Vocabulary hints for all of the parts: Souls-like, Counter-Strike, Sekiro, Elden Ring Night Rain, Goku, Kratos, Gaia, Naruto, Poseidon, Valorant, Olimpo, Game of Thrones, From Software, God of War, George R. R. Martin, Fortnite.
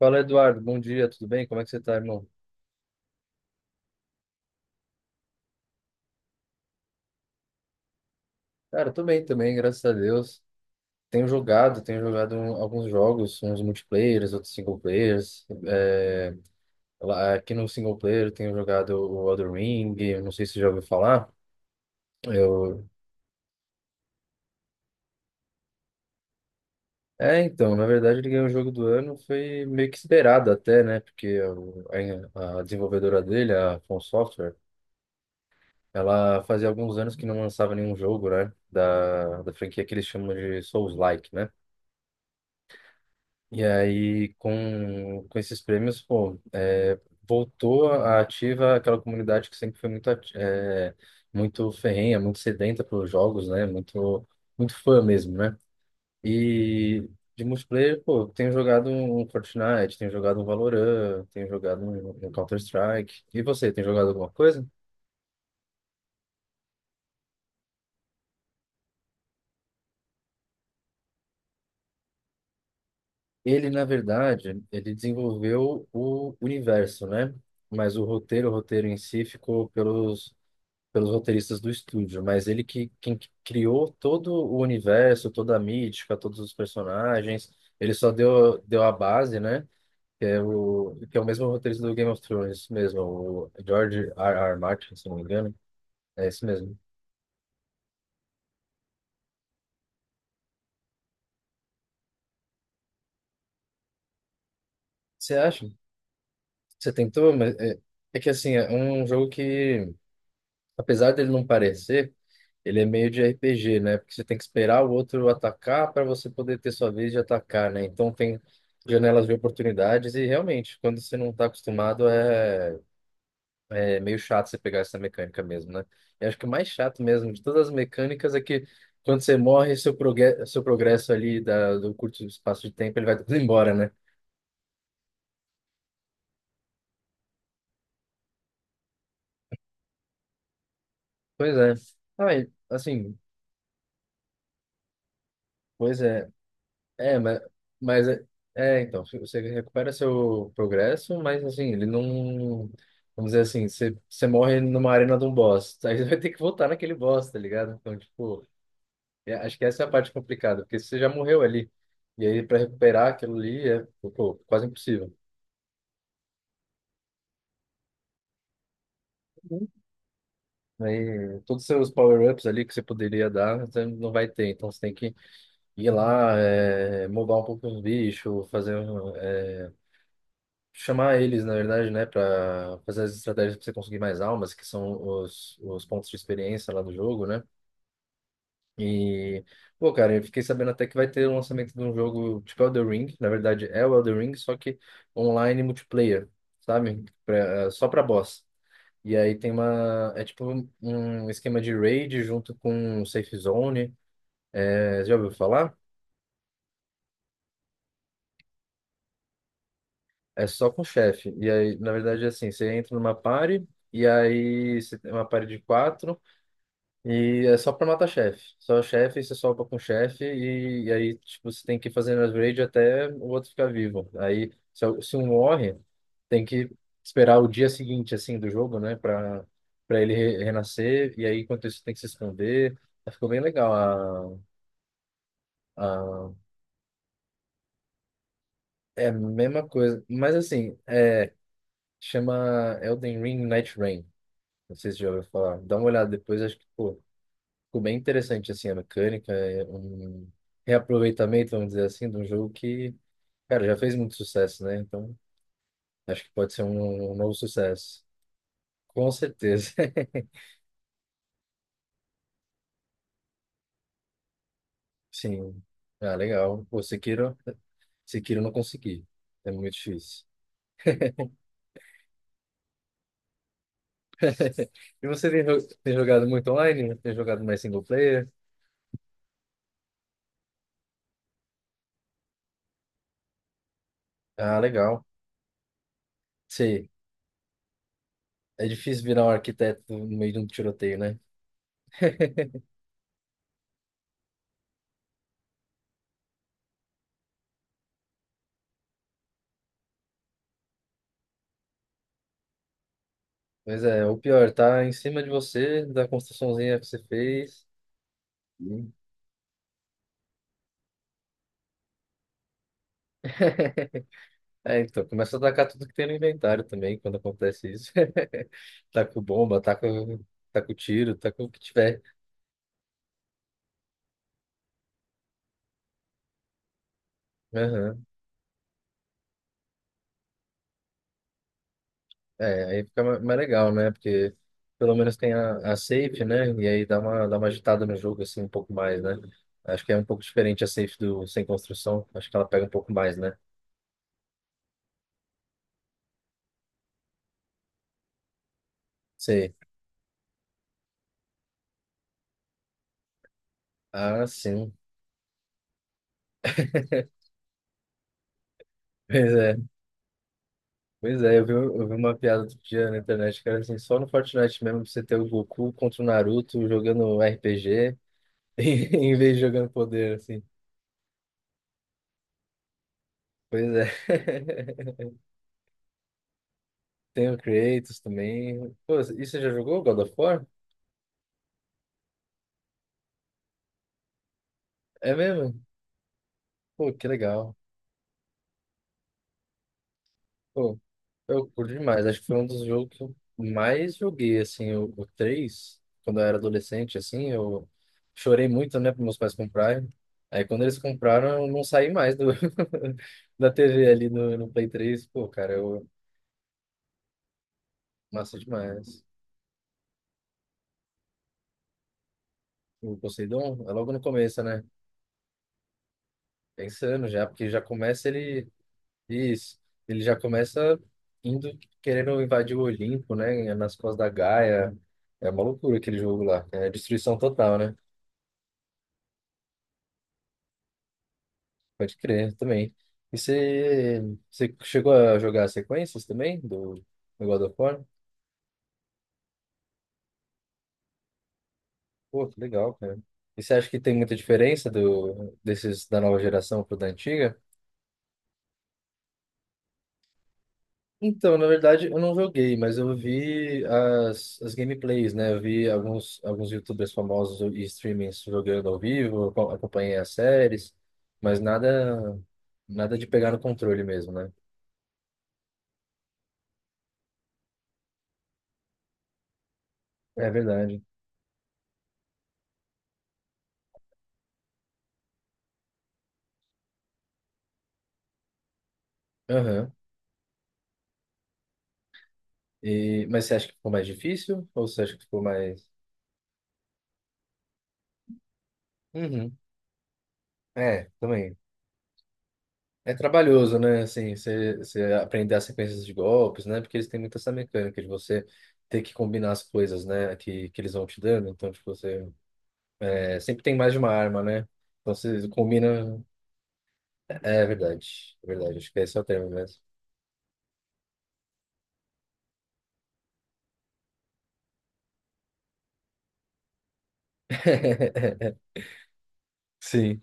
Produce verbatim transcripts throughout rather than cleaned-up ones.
Fala, Eduardo. Bom dia, tudo bem? Como é que você tá, irmão? Cara, eu tô bem também, graças a Deus. Tenho jogado, tenho jogado um- alguns jogos, uns multiplayers, outros single players. É, lá- aqui no single player eu tenho jogado o Elden Ring, eu não sei se você já ouviu falar. Eu... É, então, na verdade ele ganhou o jogo do ano, foi meio que esperado até, né? Porque o- a, a desenvolvedora dele, a From Software, ela fazia alguns anos que não lançava nenhum jogo, né? Da, da franquia que eles chamam de Souls-like, né? E aí, com, com esses prêmios, pô, é, voltou a ativa aquela comunidade que sempre foi muito, ati- é, muito ferrenha, muito sedenta pelos jogos, né? Muito, muito fã mesmo, né? E de multiplayer, pô, eu tenho jogado um Fortnite, tenho jogado um Valorant, tenho jogado um, um Counter-Strike. E você, tem jogado alguma coisa? Ele, na verdade, ele desenvolveu o universo, né? Mas o roteiro, o roteiro em si ficou pelos pelos roteiristas do estúdio, mas ele que quem que criou todo o universo, toda a mítica, todos os personagens, ele só deu deu a base, né? Que é o que é o mesmo roteirista do Game of Thrones mesmo, o George R. R. Martin, se não me engano, é esse mesmo. Você acha? Você tentou, mas é, é que assim, é um jogo que apesar dele não parecer, ele é meio de R P G, né? Porque você tem que esperar o outro atacar para você poder ter sua vez de atacar, né? Então tem janelas de oportunidades e realmente, quando você não está acostumado, é, é meio chato você pegar essa mecânica mesmo, né? Eu acho que o mais chato mesmo de todas as mecânicas é que quando você morre, seu, progue- seu progresso ali da, do curto espaço de tempo, ele vai tudo embora, né? Pois é. Ah, e, assim, pois é. É, mas, mas é, é, então, você recupera seu progresso, mas assim, ele não. Vamos dizer assim, você, você morre numa arena de um boss. Aí você vai ter que voltar naquele boss, tá ligado? Então, tipo, é, acho que essa é a parte complicada, porque você já morreu ali. E aí, pra recuperar aquilo ali é, pô, quase impossível. Aí, todos os seus power-ups ali que você poderia dar, você não vai ter. Então, você tem que ir lá, é, mobar um pouco os bichos, fazer. um, é, chamar eles, na verdade, né, para fazer as estratégias para você conseguir mais almas, que são os, os pontos de experiência lá do jogo, né? E, pô, cara, eu fiquei sabendo até que vai ter o lançamento de um jogo tipo Elden Ring, na verdade é o Elden Ring, só que online multiplayer, sabe? Pra, só para boss. E aí tem uma, é tipo um esquema de raid junto com safe zone, é, já ouviu falar? É só com o chefe. E aí, na verdade, é assim, você entra numa party, e aí você tem uma party de quatro, e é só pra matar chefe. Só chefe, você solta com chefe e, e aí tipo, você tem que ir fazendo upgrade até o outro ficar vivo. Aí se, al- se um morre, tem que esperar o dia seguinte assim do jogo, né, Pra para ele re- renascer e aí enquanto isso tem que se esconder. Aí ficou bem legal a, a é a mesma coisa, mas assim, é chama Elden Ring Night Rain. Não sei se já ouviu falar. Dá uma olhada depois, acho que pô. Ficou bem interessante, assim, a mecânica, é um reaproveitamento, vamos dizer assim, de um jogo que, cara, já fez muito sucesso, né? Então, acho que pode ser um, um novo sucesso. Com certeza. Sim. Ah, legal. Pô, Sekiro, Sekiro eu não consegui. É muito difícil. E você tem, jo- tem jogado muito online? Tem jogado mais single player? Ah, legal. Sei. É difícil virar um arquiteto no meio de um tiroteio, né? Pois é, o pior, tá em cima de você, da construçãozinha que você fez. Hum. É, então, começa a atacar tudo que tem no inventário também, quando acontece isso. Taca bomba, taca, taca o tiro, taca o que tiver. Aham. É, aí fica ma- mais legal, né? Porque pelo menos tem a, a safe, né? E aí dá uma, dá uma agitada no jogo, assim, um pouco mais, né? Acho que é um pouco diferente a safe do sem construção. Acho que ela pega um pouco mais, né? Sei. Ah, sim. Pois é. Pois é, eu vi, eu vi uma piada outro dia na internet que era assim, só no Fortnite mesmo você ter o Goku contra o Naruto jogando R P G em vez de jogando poder, assim. Pois é. Tem o Kratos também. Pô, e você já jogou God of War? É mesmo? Pô, que legal. Pô, eu curto demais. Acho que foi um dos jogos que eu mais joguei, assim, o, o três, quando eu era adolescente, assim, eu chorei muito, né, para meus pais comprarem. Aí quando eles compraram, eu não saí mais do, da T V ali no, no Play três. Pô, cara, eu massa demais. O Poseidon é logo no começo, né? Pensando já, porque já começa ele. Isso. Ele já começa indo querendo invadir o Olimpo, né? Nas costas da Gaia. É uma loucura aquele jogo lá. É destruição total, né? Pode crer também. E você, você chegou a jogar as sequências também do, do God of War? Pô, que legal, cara. E você acha que tem muita diferença do, desses da nova geração pro da antiga? Então, na verdade, eu não joguei, mas eu vi as, as gameplays, né? Eu vi alguns, alguns YouTubers famosos e streamings jogando ao vivo, eu acom- acompanhei as séries, mas nada, nada de pegar no controle mesmo, né? É verdade. Aham. E, mas você acha que ficou mais difícil? Ou você acha que ficou mais. Uhum. É, também. É trabalhoso, né? Assim, você, você aprender as sequências de golpes, né? Porque eles têm muito essa mecânica de você ter que combinar as coisas, né? Que, que eles vão te dando. Então, tipo, você. É, sempre tem mais de uma arma, né? Então, você combina. É, é verdade. É verdade. Acho que esse é o termo mesmo. Sim.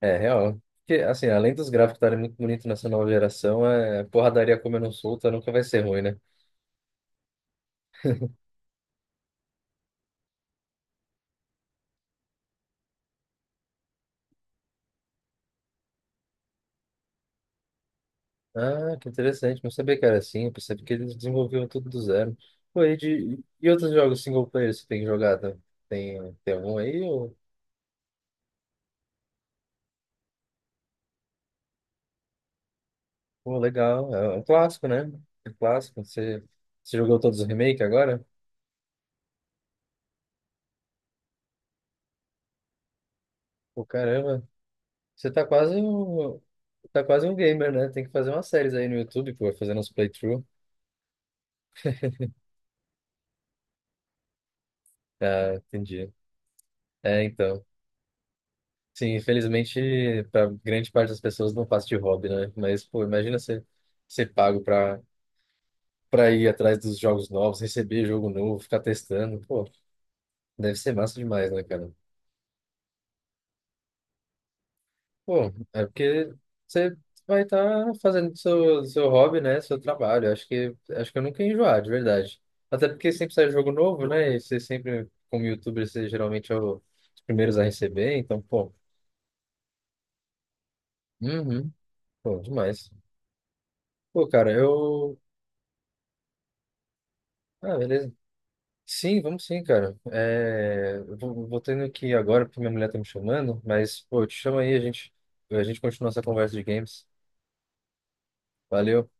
É, real. Porque, assim, além dos gráficos estarem muito bonitos nessa nova geração, é porradaria comendo solta nunca vai ser ruim, né? Ah, que interessante. Não sabia que era assim. Eu percebi que eles desenvolviam tudo do zero. Pô, e, de... e outros jogos single player você tem jogado? Tem, tem algum aí? Ou... Pô, legal. É é um clássico, né? É um clássico. Você... você jogou todos os remakes agora? Pô, caramba. Você tá quase um... tá quase um gamer, né? Tem que fazer umas séries aí no YouTube, pô, fazendo uns playthrough. Ah, entendi. É, então. Sim, infelizmente, para grande parte das pessoas não passa de hobby, né? Mas, pô, imagina você ser pago para para ir atrás dos jogos novos, receber jogo novo, ficar testando. Pô, deve ser massa demais, né, cara? Pô, é porque você vai estar fazendo seu, seu hobby, né? Seu trabalho. Acho que, acho que eu nunca ia enjoar, de verdade. Até porque sempre sai jogo novo, né? E você sempre, como youtuber, você geralmente é o- os primeiros a receber. Então, pô, uhum, pô, demais. Pô, cara, eu. Ah, beleza. Sim, vamos sim, cara. É, eu vou, vou tendo que ir agora porque minha mulher tá me chamando, mas pô, eu te chamo aí, a gente, a gente continua essa conversa de games. Valeu.